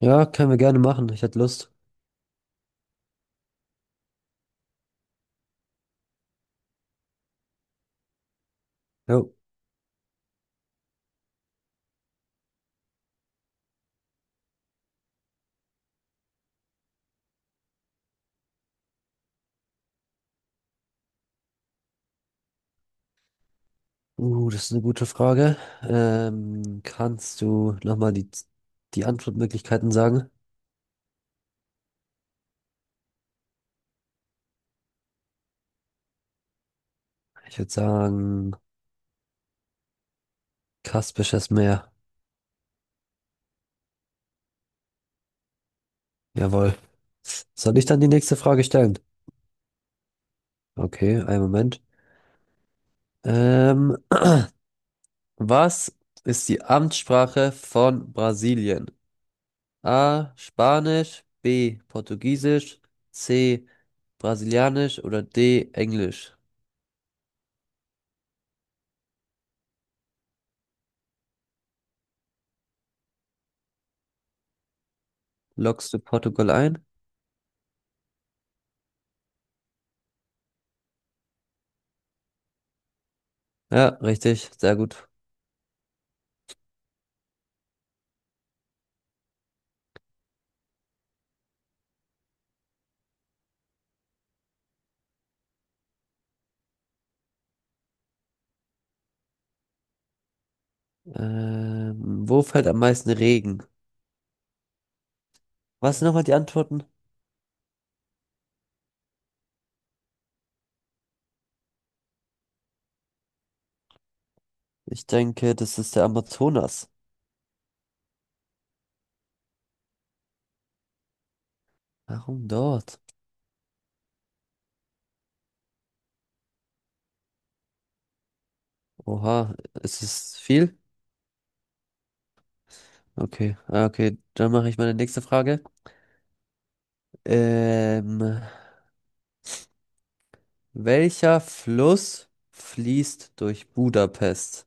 Ja, können wir gerne machen. Ich hätte Lust. Ja. Das ist eine gute Frage. Kannst du nochmal die Antwortmöglichkeiten sagen? Ich würde sagen, Kaspisches Meer. Jawohl. Soll ich dann die nächste Frage stellen? Okay, einen Moment. Ähm, was ist die Amtssprache von Brasilien? A. Spanisch, B. Portugiesisch, C. Brasilianisch oder D. Englisch? Loggst du Portugal ein? Ja, richtig, sehr gut. Wo fällt am meisten Regen? Was sind nochmal die Antworten? Ich denke, das ist der Amazonas. Warum dort? Oha, ist es viel? Okay, ah, okay, dann mache ich meine nächste Frage. Ähm, welcher Fluss fließt durch Budapest?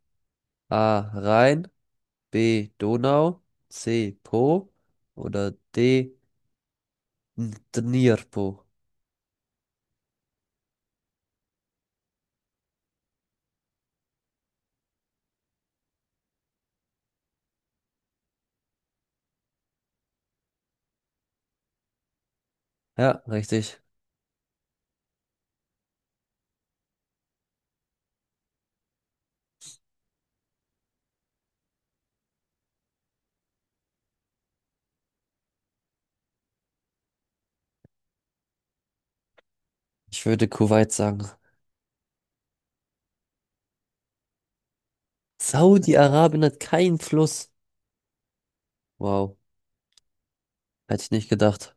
A. Rhein, B. Donau, C. Po oder D. Dnipro. Ja, richtig. Ich würde Kuwait sagen. Saudi-Arabien hat keinen Fluss. Wow, hätte ich nicht gedacht.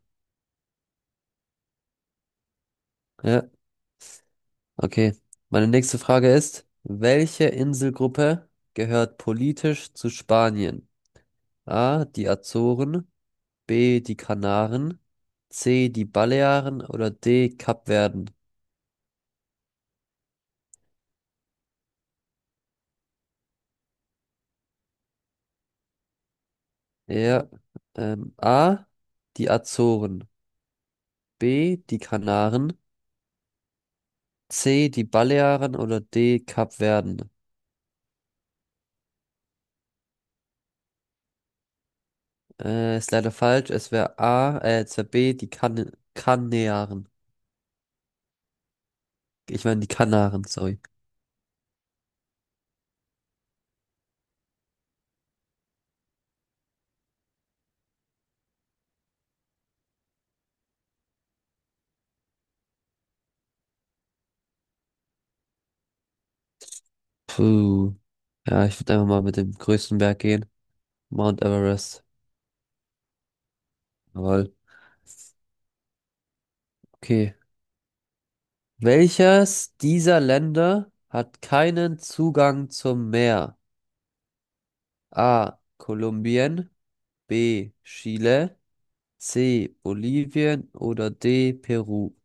Ja, okay. Meine nächste Frage ist, welche Inselgruppe gehört politisch zu Spanien? A, die Azoren, B, die Kanaren, C, die Balearen oder D, Kapverden? Ja, A, die Azoren, B, die Kanaren, C, die Balearen oder D, Kapverden? Ist leider falsch. Es wäre A, es wäre B, die kan Kanaren. Ich meine die Kanaren, sorry. Puh. Ja, ich würde einfach mal mit dem größten Berg gehen. Mount Everest. Jawohl. Okay. Welches dieser Länder hat keinen Zugang zum Meer? A. Kolumbien, B. Chile, C. Bolivien oder D. Peru.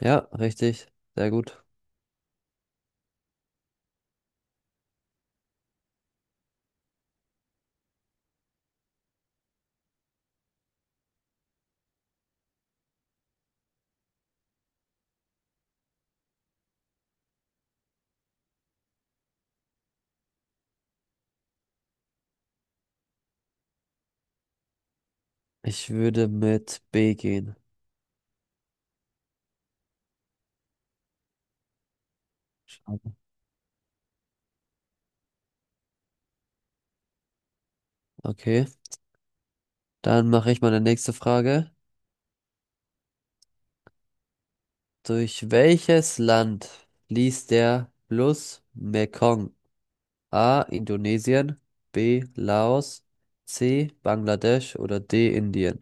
Ja, richtig. Sehr gut. Ich würde mit B gehen. Schade. Okay. Dann mache ich meine nächste Frage. Durch welches Land fließt der Fluss Mekong? A. Indonesien, B. Laos, C. Bangladesch oder D. Indien?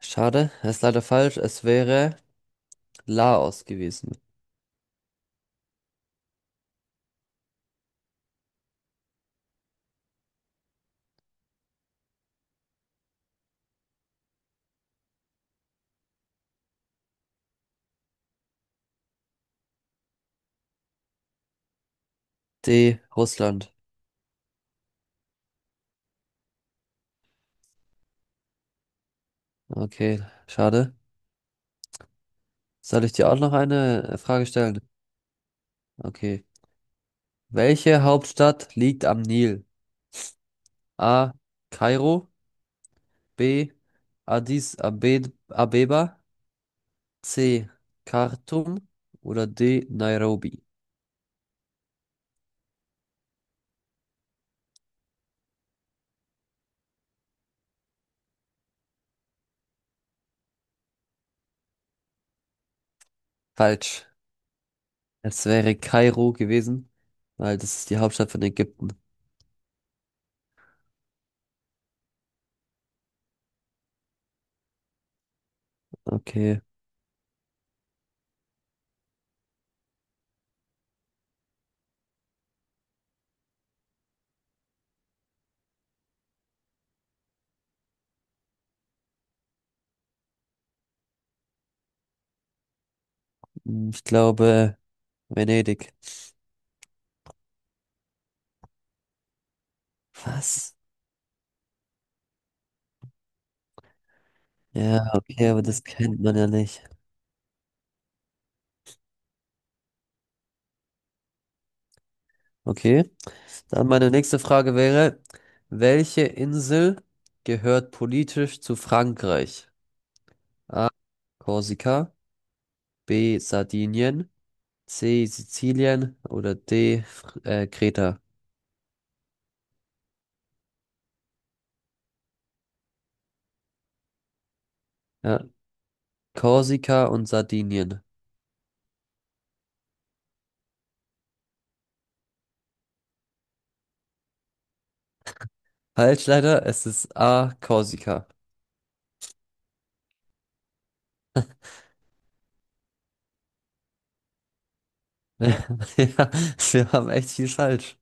Schade, ist leider falsch. Es wäre Laos gewesen. D. Russland. Okay, schade. Soll ich dir auch noch eine Frage stellen? Okay. Welche Hauptstadt liegt am Nil? A. Kairo, B. Addis Abe Abeba. C. Khartoum oder D. Nairobi? Falsch. Es wäre Kairo gewesen, weil das ist die Hauptstadt von Ägypten. Okay, hm, ich glaube Venedig. Was? Ja, okay, aber das kennt man ja nicht. Okay, dann meine nächste Frage wäre, welche Insel gehört politisch zu Frankreich? A. Korsika, B. Sardinien, C. Sizilien oder D. Kreta? Ja, Korsika und Sardinien. Falsch leider, es ist A, Korsika. Ja, wir haben echt viel falsch.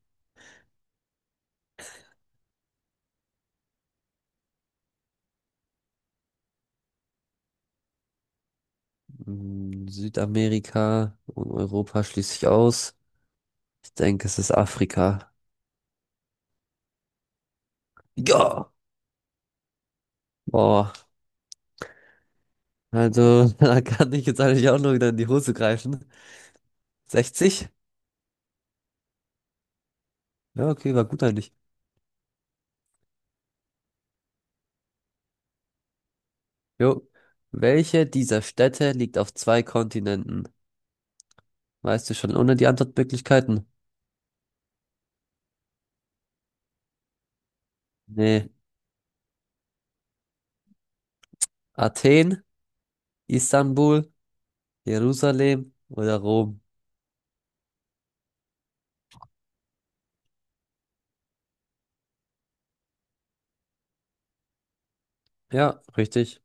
Mm, Südamerika und Europa schließe ich aus. Ich denke, es ist Afrika. Ja! Boah, also da kann ich jetzt eigentlich auch noch wieder in die Hose greifen. 60? Ja, okay, war gut eigentlich. Jo. Welche dieser Städte liegt auf zwei Kontinenten? Weißt du schon ohne die Antwortmöglichkeiten? Nee. Athen, Istanbul Jerusalem oder Rom? Ja, richtig.